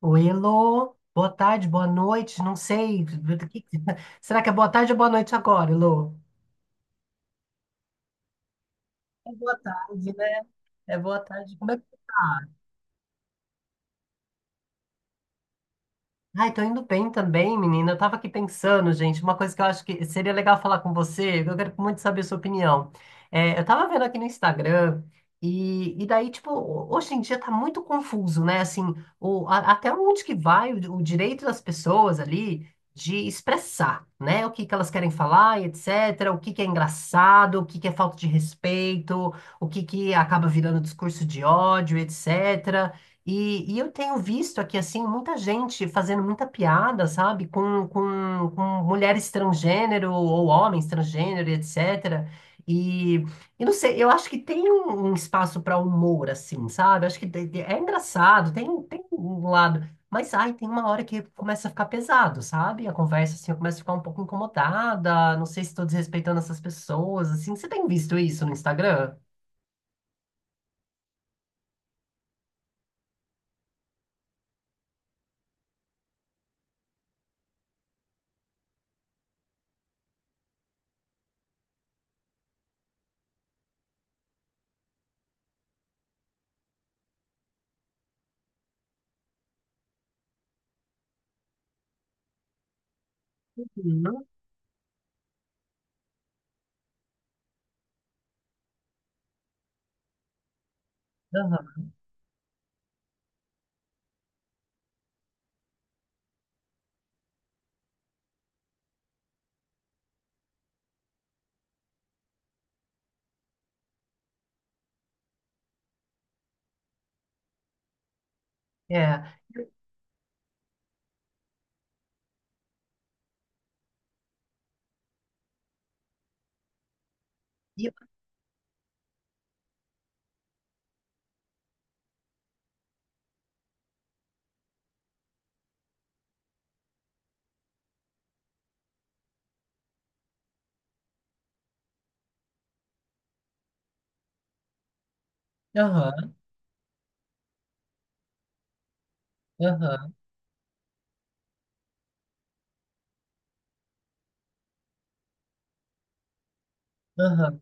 O Elo, boa tarde, boa noite, não sei. Que- Será que é boa tarde ou boa noite agora, Elo? É boa tarde, né? É boa tarde. Como é que você tá? Ai, tô indo bem também, menina. Eu tava aqui pensando, gente, uma coisa que eu acho que seria legal falar com você, eu quero muito saber a sua opinião. É, eu tava vendo aqui no Instagram, e daí, tipo, hoje em dia tá muito confuso, né? Assim, até onde que vai o direito das pessoas ali de expressar, né? O que que elas querem falar e etc. O que que é engraçado, o que que é falta de respeito, o que que acaba virando discurso de ódio, etc. E eu tenho visto aqui, assim, muita gente fazendo muita piada, sabe, com mulheres transgênero ou homens transgênero, e etc. E, e não sei, eu acho que tem um espaço para humor, assim, sabe? Acho que é engraçado, tem um lado. Mas, ai, tem uma hora que começa a ficar pesado, sabe? A conversa, assim, eu começo a ficar um pouco incomodada, não sei se estou desrespeitando essas pessoas, assim. Você tem visto isso no Instagram? Uhum. Aham. É. E-. Aham, aham. Aham.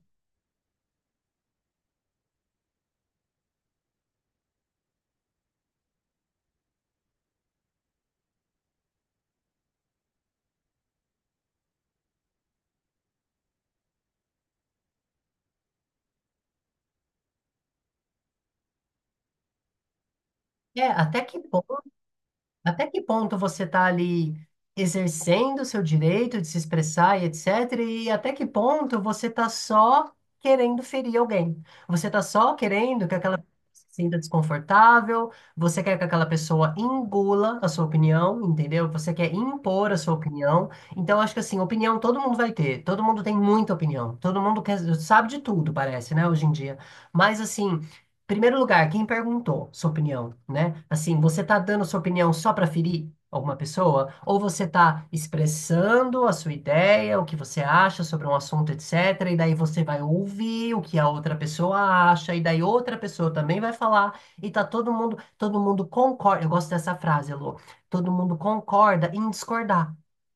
É, até que ponto você está ali exercendo o seu direito de se expressar e etc. E até que ponto você está só querendo ferir alguém. Você está só querendo que aquela pessoa se sinta desconfortável, você quer que aquela pessoa engula a sua opinião, entendeu? Você quer impor a sua opinião. Então, acho que assim, opinião todo mundo vai ter, todo mundo tem muita opinião, todo mundo quer, sabe de tudo, parece, né, hoje em dia. Mas assim. Primeiro lugar, quem perguntou sua opinião, né? Assim, você tá dando sua opinião só para ferir alguma pessoa? Ou você tá expressando a sua ideia, o que você acha sobre um assunto, etc. E daí você vai ouvir o que a outra pessoa acha, e daí outra pessoa também vai falar, e tá todo mundo concorda. Eu gosto dessa frase, Lu. Todo mundo concorda em discordar.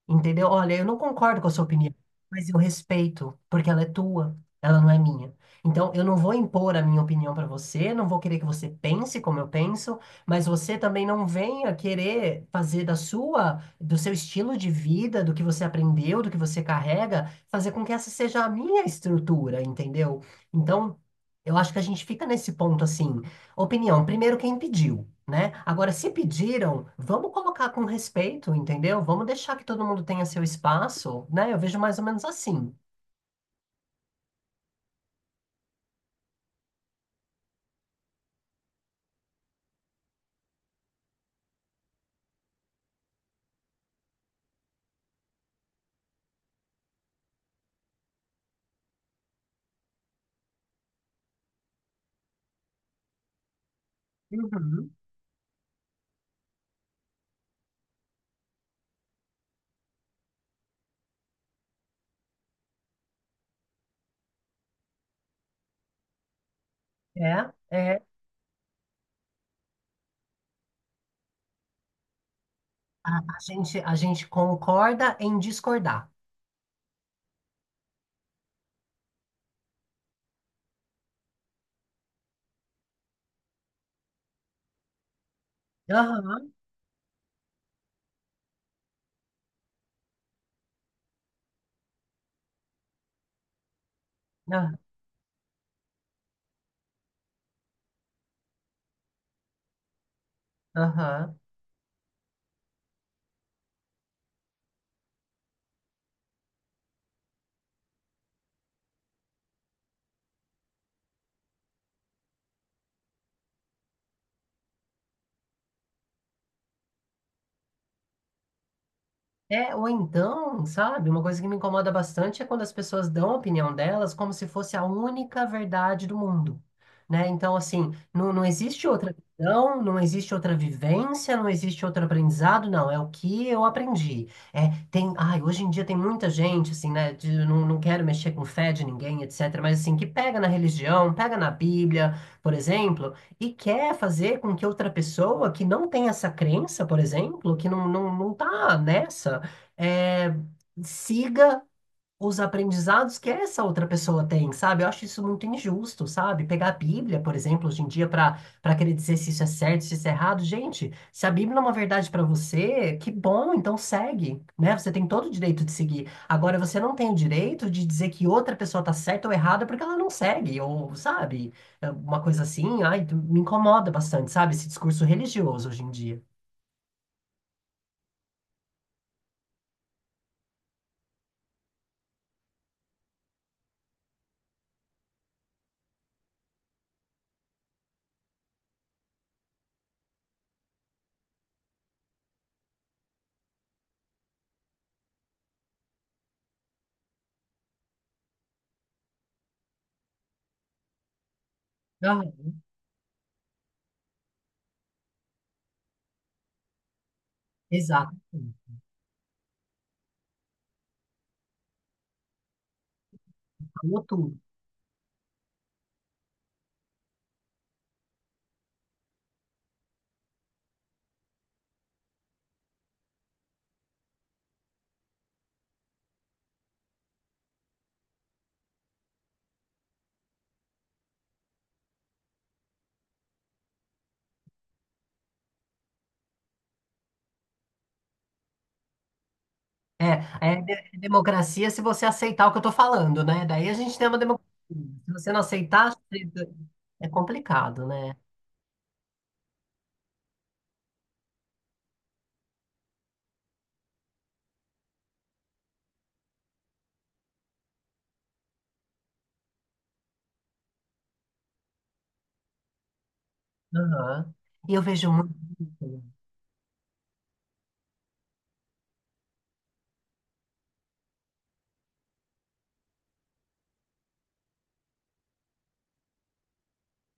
Entendeu? Olha, eu não concordo com a sua opinião, mas eu respeito, porque ela é tua, ela não é minha. Então, eu não vou impor a minha opinião para você, não vou querer que você pense como eu penso, mas você também não venha querer fazer da sua, do seu estilo de vida, do que você aprendeu, do que você carrega, fazer com que essa seja a minha estrutura, entendeu? Então, eu acho que a gente fica nesse ponto assim, opinião, primeiro quem pediu. Né? Agora, se pediram, vamos colocar com respeito, entendeu? Vamos deixar que todo mundo tenha seu espaço, né? Eu vejo mais ou menos assim. Uhum. É, é. A gente concorda em discordar. Aham, ah, aham. É, ou então, sabe, uma coisa que me incomoda bastante é quando as pessoas dão a opinião delas como se fosse a única verdade do mundo, né? Então, assim, não, não existe outra visão, não existe outra vivência, não existe outro aprendizado, não, é o que eu aprendi. É, tem, ai, hoje em dia tem muita gente, assim, né, de, não, não quero mexer com fé de ninguém, etc., mas, assim, que pega na religião, pega na Bíblia, por exemplo, e quer fazer com que outra pessoa que não tem essa crença, por exemplo, que não, não tá nessa, é, siga os aprendizados que essa outra pessoa tem, sabe? Eu acho isso muito injusto, sabe? Pegar a Bíblia, por exemplo, hoje em dia, para querer dizer se isso é certo, se isso é errado. Gente, se a Bíblia é uma verdade para você, que bom, então segue, né? Você tem todo o direito de seguir. Agora, você não tem o direito de dizer que outra pessoa tá certa ou errada porque ela não segue, ou, sabe? É uma coisa assim, ai, me incomoda bastante, sabe? Esse discurso religioso hoje em dia. Ah, exato. Falou tudo. É, é democracia se você aceitar o que eu estou falando, né? Daí a gente tem uma democracia. Se você não aceitar, é complicado, né? Aham. E eu vejo muito.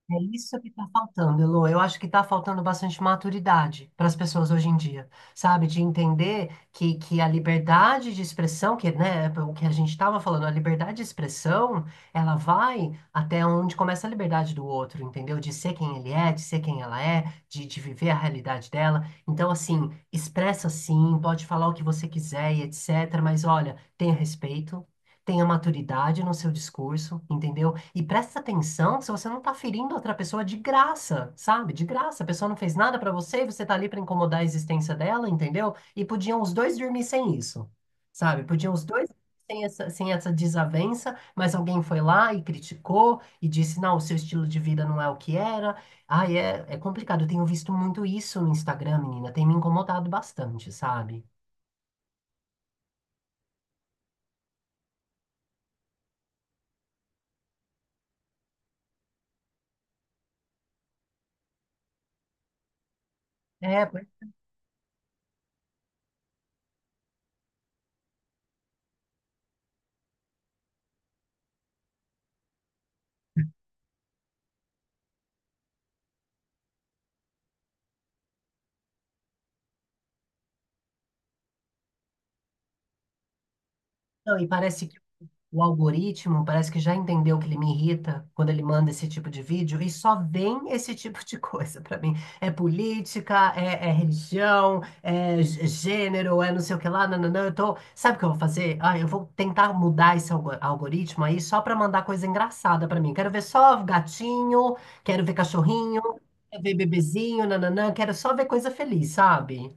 É isso que está faltando, Elô. Eu acho que está faltando bastante maturidade para as pessoas hoje em dia, sabe? De entender que a liberdade de expressão, que, né, o que a gente estava falando, a liberdade de expressão, ela vai até onde começa a liberdade do outro, entendeu? De ser quem ele é, de ser quem ela é, de viver a realidade dela. Então, assim, expressa sim, pode falar o que você quiser e etc. Mas olha, tenha respeito tenha maturidade no seu discurso, entendeu? E presta atenção se você não tá ferindo outra pessoa de graça, sabe? De graça, a pessoa não fez nada pra você e você tá ali pra incomodar a existência dela, entendeu? E podiam os dois dormir sem isso, sabe? Podiam os dois sem essa, sem essa desavença, mas alguém foi lá e criticou e disse, não, o seu estilo de vida não é o que era. Ai, é, é complicado. Eu tenho visto muito isso no Instagram, menina. Tem me incomodado bastante, sabe? É, pois-. Não, e parece que o algoritmo parece que já entendeu que ele me irrita quando ele manda esse tipo de vídeo e só vem esse tipo de coisa pra mim. É política, é religião, gênero, é não sei o que lá, nananã. Eu tô... Sabe o que eu vou fazer? Ah, eu vou tentar mudar esse algoritmo aí só pra mandar coisa engraçada pra mim. Quero ver só gatinho, quero ver cachorrinho, quero ver bebezinho, nananã. Quero só ver coisa feliz, sabe?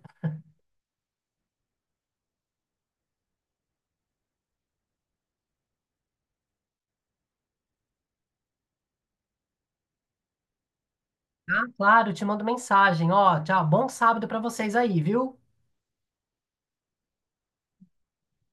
Ah, claro, te mando mensagem. Ó, tchau, bom sábado pra vocês aí, viu?